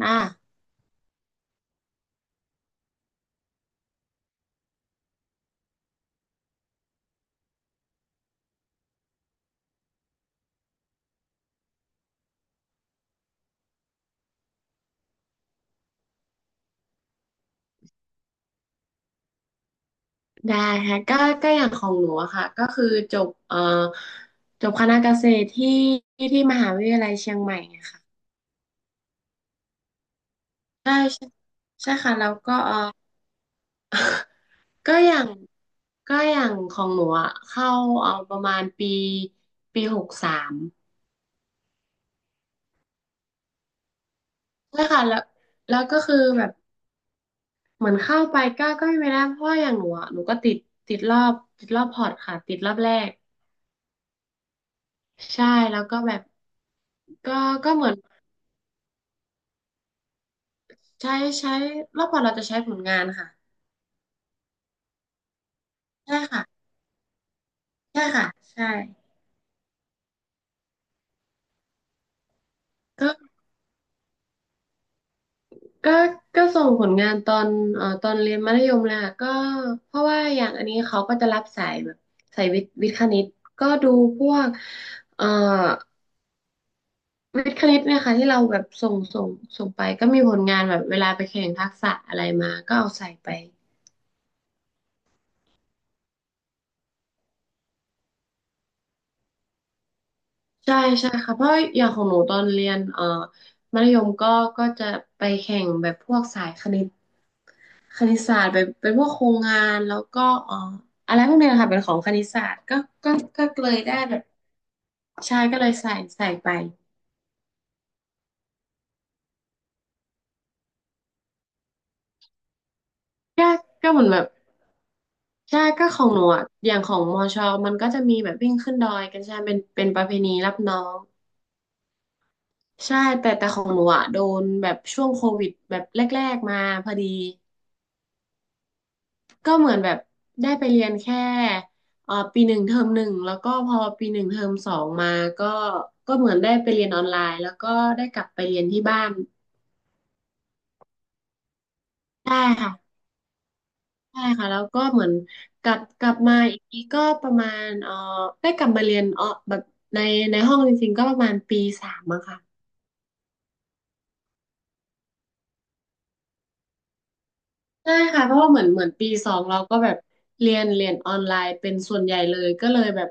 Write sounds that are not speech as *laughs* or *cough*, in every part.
อ่าได้ค่ะก็อย่างของหนูอะค่ะก็คือจบเอ่อจบคณะเกษตรที่มหาวิทยาลัยเชียงใหม่ไงค่ะใช่ใช่ใช่ค่ะแล้วก็ก็อย่างก็อย่างของหนูอะเข้าประมาณปีหกสามใช่ค่ะแล้วก็คือแบบเหมือนเข้าไปก็ไม่ได้เพราะว่าอย่างหนูอะหนูก็ติดรอบพอร์ตค่ะติดรอบแรกใช่แล้วก็แบบก็ก็เหมือน ใช้ใช้รอบก่อนเราจะใช้ผลงานค่ะใช่ค่ะใช่ค่ะใช่ก็ก็ก็ส่งผลงานตอนเรียนมัธยมเลยค่ะก็เพราะว่าอย่างอันนี้เขาก็จะรับสายแบบสายวิทย์คณิตก็ดูพวกเอ่อวิทย์คณิตเนี่ยค่ะที่เราแบบส่งไปก็มีผลงานแบบเวลาไปแข่งทักษะอะไรมาก็เอาใส่ไปใช่ใช่ค่ะเพราะอย่างของหนูตอนเรียนมัธยมก็จะไปแข่งแบบพวกสายคณิตศาสตร์เป็นพวกโครงงานแล้วก็อะไรพวกเนี้ยค่ะเป็นของคณิตศาสตร์ก็ก็เลยได้แบบใช่ก็เลยใส่ไปก็ก็เหมือนแบบใช่ก็ของหนูอะอย่างของมอชอมันก็จะมีแบบวิ่งขึ้นดอยกันใช่ไหมเป็นประเพณีรับน้องใช่แต่ของหนูอ่ะโดนแบบช่วงโควิดแบบแรกๆมาพอดี ก็เหมือนแบบได้ไปเรียนแค่ปีหนึ่งเทอมหนึ่งแล้วก็พอปีหนึ่งเทอมสองมาก็ก็เหมือนได้ไปเรียนออนไลน์แล้วก็ได้กลับไปเรียนที่บ้านใช่ค่ะใช่ค่ะแล้วก็เหมือนกลับกลับมาอีกทีก็ประมาณได้กลับมาเรียนแบบในในห้องจริงๆก็ประมาณปีสามอะค่ะใช่ค่ะเพราะว่าเหมือนปีสองเราก็แบบเรียนออนไลน์เป็นส่วนใหญ่เลยก็เลยแบบ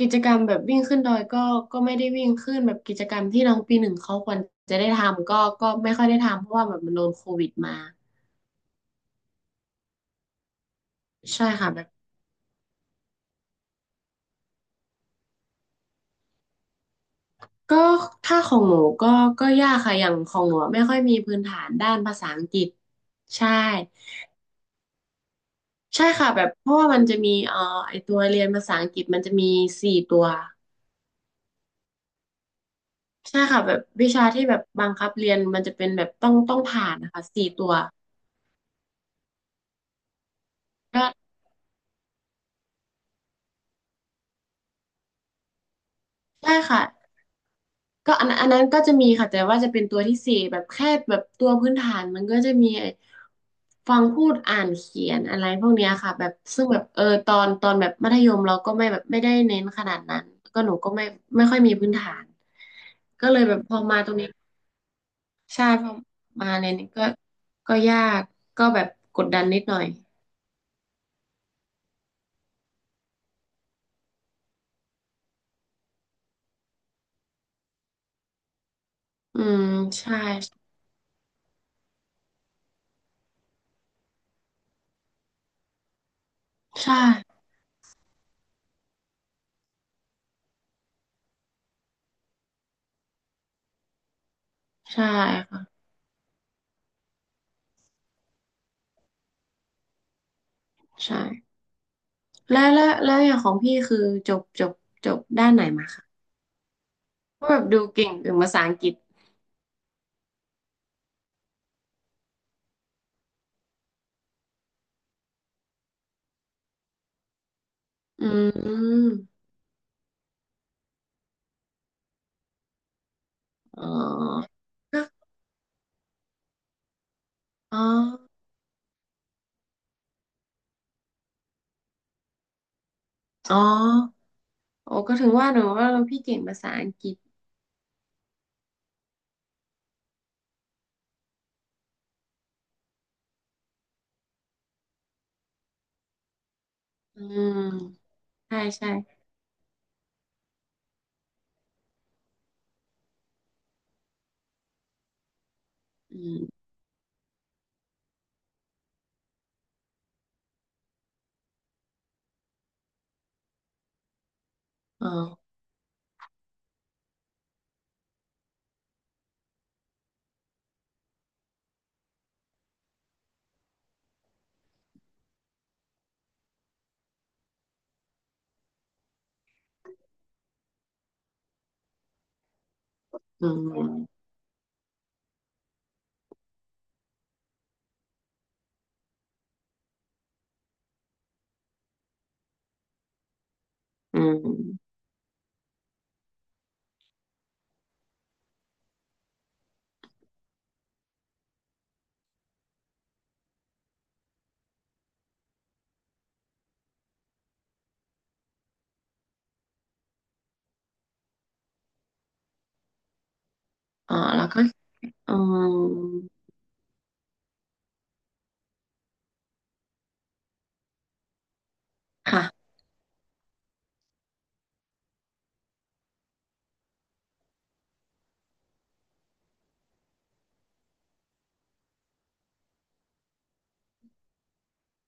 กิจกรรมแบบวิ่งขึ้นดอยก็ก็ไม่ได้วิ่งขึ้นแบบกิจกรรมที่น้องปีหนึ่งเขาควรจะได้ทำก็ไม่ค่อยได้ทำเพราะว่าแบบมันโดนโควิดมาใช่ค่ะแบบก็ถ้าของหนูก็ยากค่ะอย่างของหนูอะไม่ค่อยมีพื้นฐานด้านภาษาอังกฤษใช่ใช่ค่ะแบบเพราะว่ามันจะมีไอตัวเรียนภาษาอังกฤษมันจะมีสี่ตัวใช่ค่ะแบบวิชาที่แบบบังคับเรียนมันจะเป็นแบบต้องผ่านนะคะสี่ตัวก็ใช่ค่ะ ก็อันนั้นก็จะมีค่ะแต่ว่าจะเป็นตัวที่สี่แบบแค่แบบตัวพื้นฐานมันก็จะมีไอ้ฟังพูดอ่านเขียนอะไรพวกเนี้ยค่ะแบบซึ่งแบบตอนแบบมัธยมเราก็ไม่แบบไม่ได้เน้นขนาดนั้นก็หนูก็ไม่ค่อยมีพื้นฐานก็เลยแบบพอมาตรงนี้ใช่พอมาเน้นก็ยากก็แบบกดดันนิดหน่อยอืมใช่ใช่ใช่ค่ะใช่แล้วอย่างของพี่คือจบจบจบด้านไหนมาคะ ก็แบบดูเก่งถึงภาษาอังกฤษอืมอ๋อก็อ๋ออ๋อโอ้ก็ถึงว่าหนูว่าเราพี่เก่งภาษาอังกฤษอืมใช่ใช่อืมอ๋ออืมอืมอ๋อแล้วก็อืมค่ะ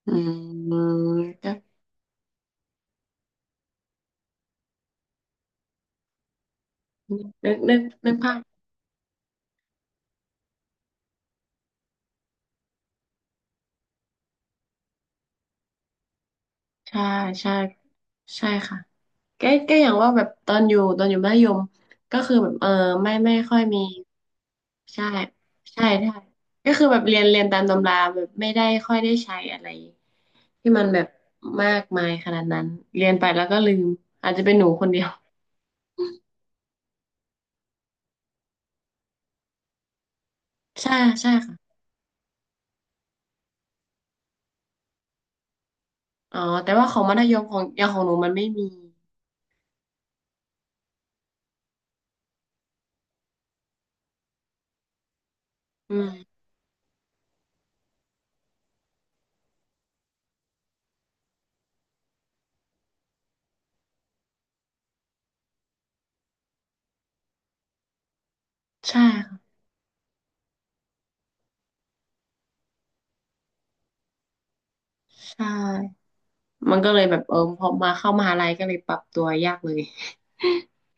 อืมก็นึกภาพใช่ใช่ ใช่ค่ะแก็อย่างว่าแบบตอนอยู่มัธยมก็คือแบบไม่ค่อยมีใช่ใช่ใช่ก็คือแบบเรียนตามตำราแบบไม่ได้ค่อยได้ใช้อะไรที่มันแบบมากมายขนาดนั้นเรียนไปแล้วก็ลืมอาจจะเป็นหนูคนเดียว *laughs* ใช่ใช่ค่ะอ๋อแต่ว่าของมัธยมของอย่างของหนูมันไม่มีอืมใช่ค่ะใช่มันก็เลยแบบพอมาเข้ามหาลัยก็เลยปรับตัวยากเลย *laughs*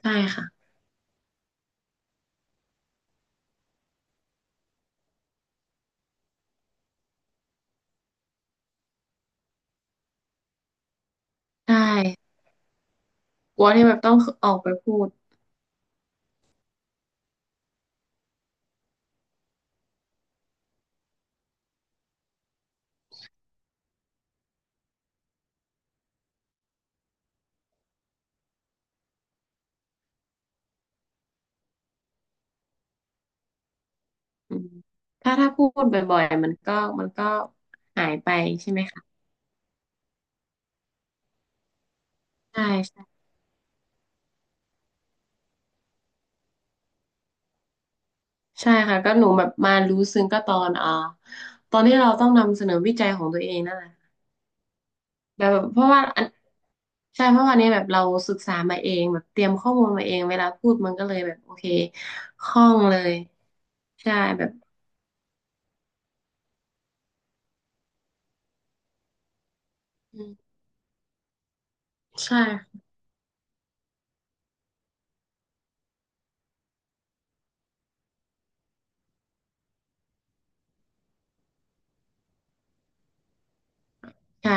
ใช่ค่ะใช่ กลัวที่แบบต้องออกไปพูดอืมถ้าพูดบ่อยๆมันก็หายไปใช่ไหมคะใช่ใช่ใช่ค่ะก็หนูแบบมารู้ซึ้งก็ตอนที่เราต้องนำเสนอวิจัยของตัวเองนั่นแหละแบบแบบเพราะว่าอันใช่เพราะวันนี้แบบเราศึกษามาเองแบบเตรียมข้อมูลมาเองเวลาพูดมันก็เลยแบบโอเคคล่องเลยใช่แบบอืมใช่ใช่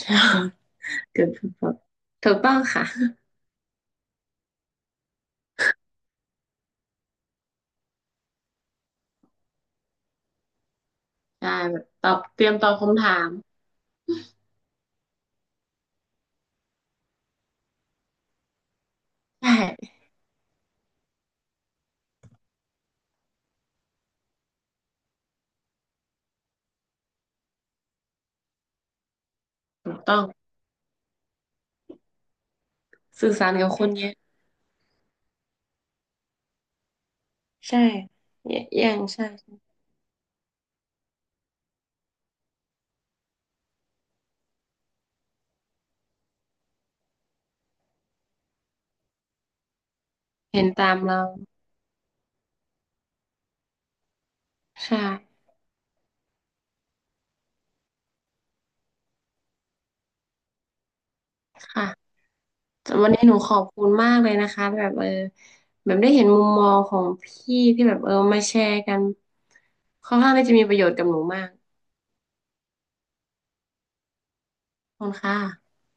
ใช่ *laughs* เกิดผลถูกต้องค่ะใช่แบบตอบเตรียมตอบคำถามใช่ ถูกต้องสื่อสารกับคนเยอะใช่เยอะแย่งใช่เห็นตามเราใช่ค่ะแต่วันนี้หนูขอบคุณมากเลยนะคะแบบแบบได้เห็นมุมมองของพี่ที่แบบมาแชร์กันค่อนข้างที่จะมีประโยชน์กับหนูมากขอบคุณค่ะ